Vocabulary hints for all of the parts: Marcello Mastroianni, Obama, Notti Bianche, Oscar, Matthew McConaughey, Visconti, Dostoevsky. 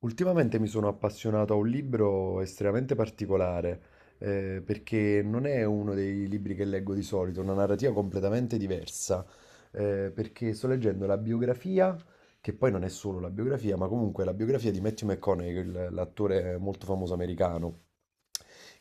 Ultimamente mi sono appassionato a un libro estremamente particolare, perché non è uno dei libri che leggo di solito, è una narrativa completamente diversa, perché sto leggendo la biografia, che poi non è solo la biografia, ma comunque la biografia di Matthew McConaughey, l'attore molto famoso americano,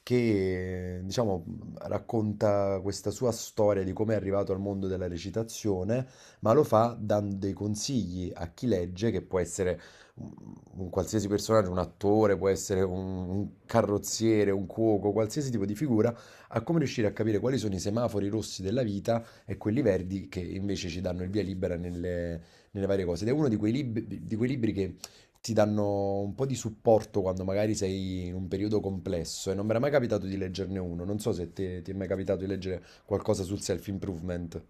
che diciamo racconta questa sua storia di come è arrivato al mondo della recitazione, ma lo fa dando dei consigli a chi legge, che può essere un qualsiasi personaggio, un attore, un carrozziere, un cuoco, qualsiasi tipo di figura, a come riuscire a capire quali sono i semafori rossi della vita e quelli verdi che invece ci danno il via libera nelle varie cose. Ed è uno di quei libri che ti danno un po' di supporto quando magari sei in un periodo complesso e non mi era mai capitato di leggerne uno. Non so se ti è mai capitato di leggere qualcosa sul self-improvement.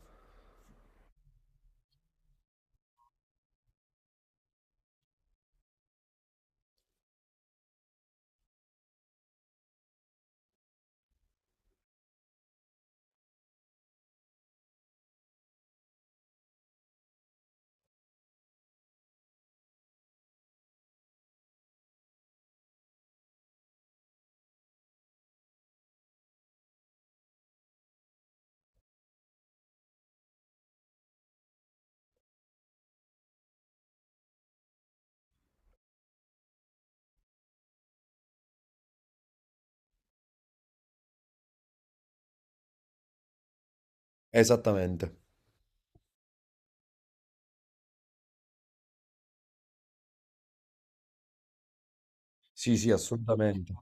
Esattamente. Sì, sì, assolutamente.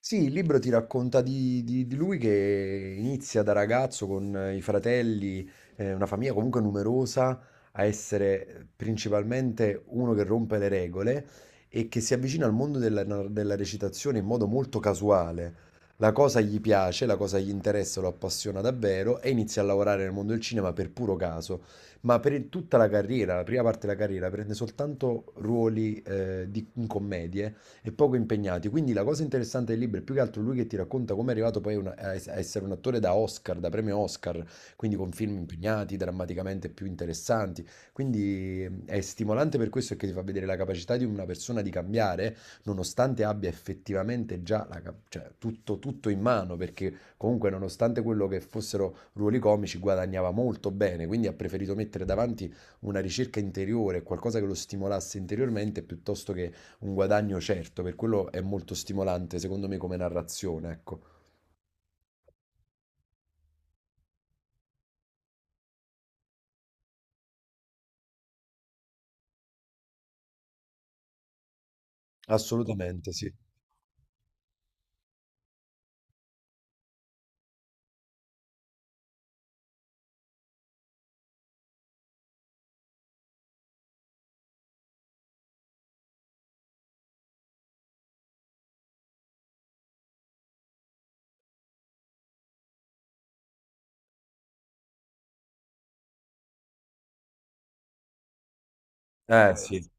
Sì, il libro ti racconta di lui che inizia da ragazzo con i fratelli, una famiglia comunque numerosa, a essere principalmente uno che rompe le regole e che si avvicina al mondo della recitazione in modo molto casuale. La cosa gli piace, la cosa gli interessa, lo appassiona davvero e inizia a lavorare nel mondo del cinema per puro caso. Ma per tutta la carriera, la prima parte della carriera, prende soltanto ruoli in commedie e poco impegnati. Quindi la cosa interessante del libro è più che altro lui che ti racconta come è arrivato poi una- a es- a essere un attore da Oscar, da premio Oscar, quindi con film impegnati, drammaticamente più interessanti. Quindi è stimolante per questo che ti fa vedere la capacità di una persona di cambiare, nonostante abbia effettivamente già cioè, tutto, tutto in mano, perché comunque nonostante quello che fossero ruoli comici guadagnava molto bene, quindi ha preferito mettere davanti una ricerca interiore, qualcosa che lo stimolasse interiormente piuttosto che un guadagno certo, per quello è molto stimolante, secondo me, come narrazione, ecco. Assolutamente sì. Eh sì.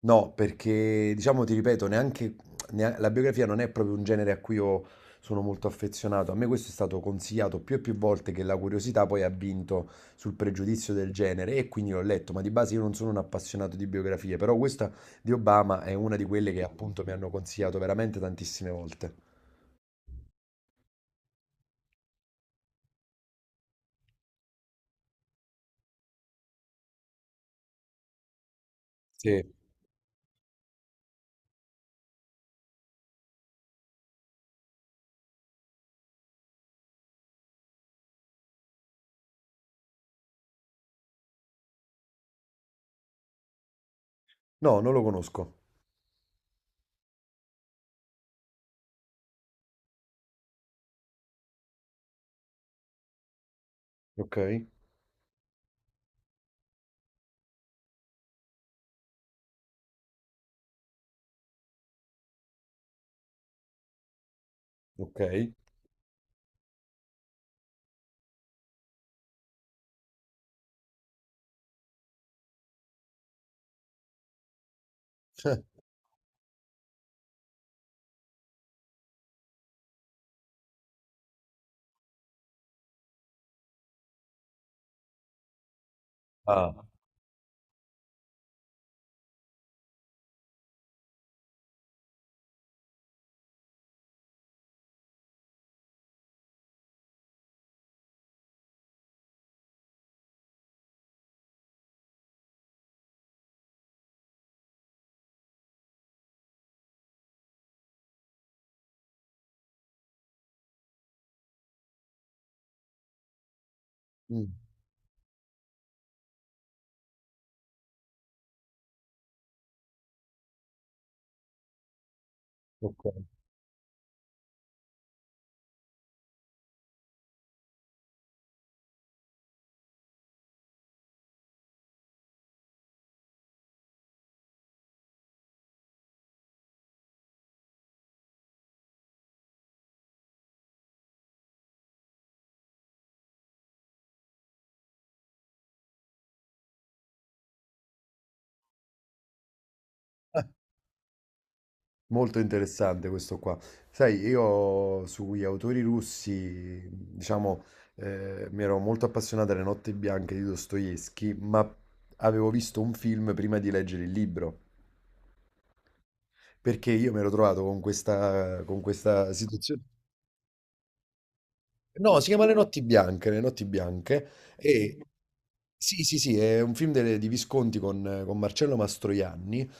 No, perché diciamo, ti ripeto, la biografia non è proprio un genere a cui io sono molto affezionato. A me questo è stato consigliato più e più volte che la curiosità poi ha vinto sul pregiudizio del genere e quindi l'ho letto, ma di base io non sono un appassionato di biografie, però questa di Obama è una di quelle che appunto mi hanno consigliato veramente tantissime volte. Sì. No, non lo conosco. Ok, ok. Ah, mm, ok. Molto interessante questo qua. Sai, io sugli autori russi, diciamo, mi ero molto appassionato alle Notti Bianche di Dostoevsky, ma avevo visto un film prima di leggere il libro, perché io mi ero trovato con con questa situazione. No, si chiama Le notti bianche, Le notti bianche. E ok. Sì, sì, sì, è un film di Visconti con Marcello Mastroianni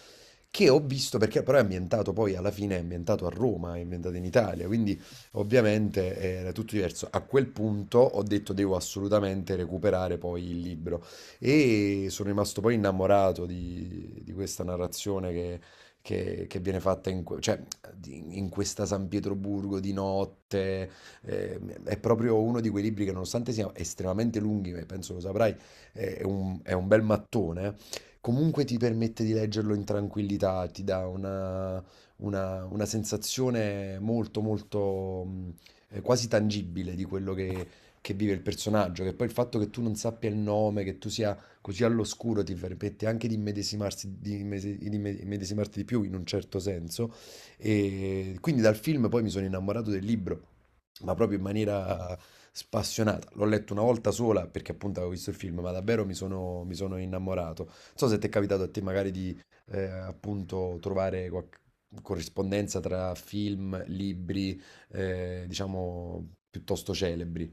che ho visto perché però è ambientato poi alla fine è ambientato a Roma, è ambientato in Italia, quindi ovviamente era tutto diverso. A quel punto ho detto devo assolutamente recuperare poi il libro e sono rimasto poi innamorato di questa narrazione che viene fatta cioè, in questa San Pietroburgo di notte, eh, è proprio uno di quei libri che nonostante siano estremamente lunghi, ma penso lo saprai, è un bel mattone, comunque ti permette di leggerlo in tranquillità, ti dà una sensazione molto molto quasi tangibile di quello che vive il personaggio, che poi il fatto che tu non sappia il nome, che tu sia così all'oscuro ti permette anche di immedesimarsi di, immese- di imme- immedesimarti di più in un certo senso. E quindi dal film poi mi sono innamorato del libro ma proprio in maniera spassionata. L'ho letto una volta sola perché appunto avevo visto il film, ma davvero mi sono innamorato. Non so se ti è capitato a te magari di appunto trovare qualche corrispondenza tra film, libri, diciamo piuttosto celebri.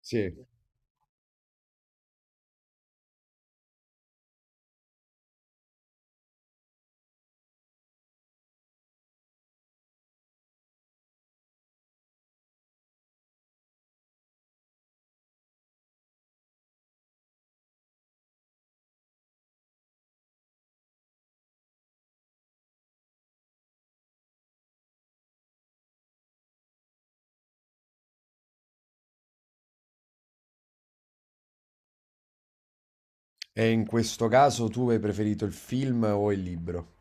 Sì. E in questo caso tu hai preferito il film o il libro?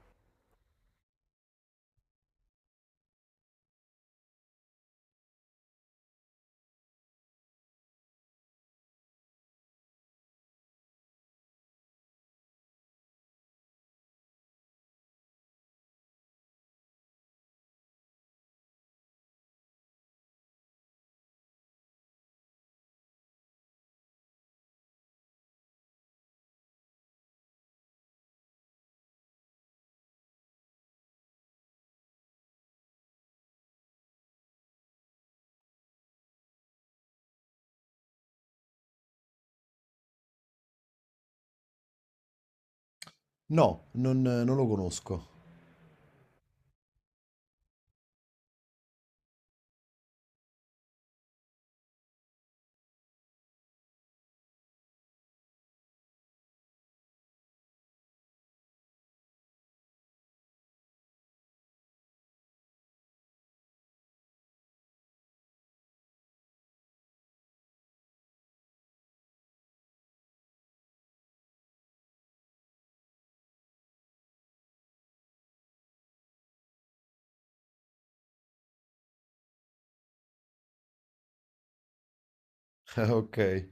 No, non lo conosco. Ok.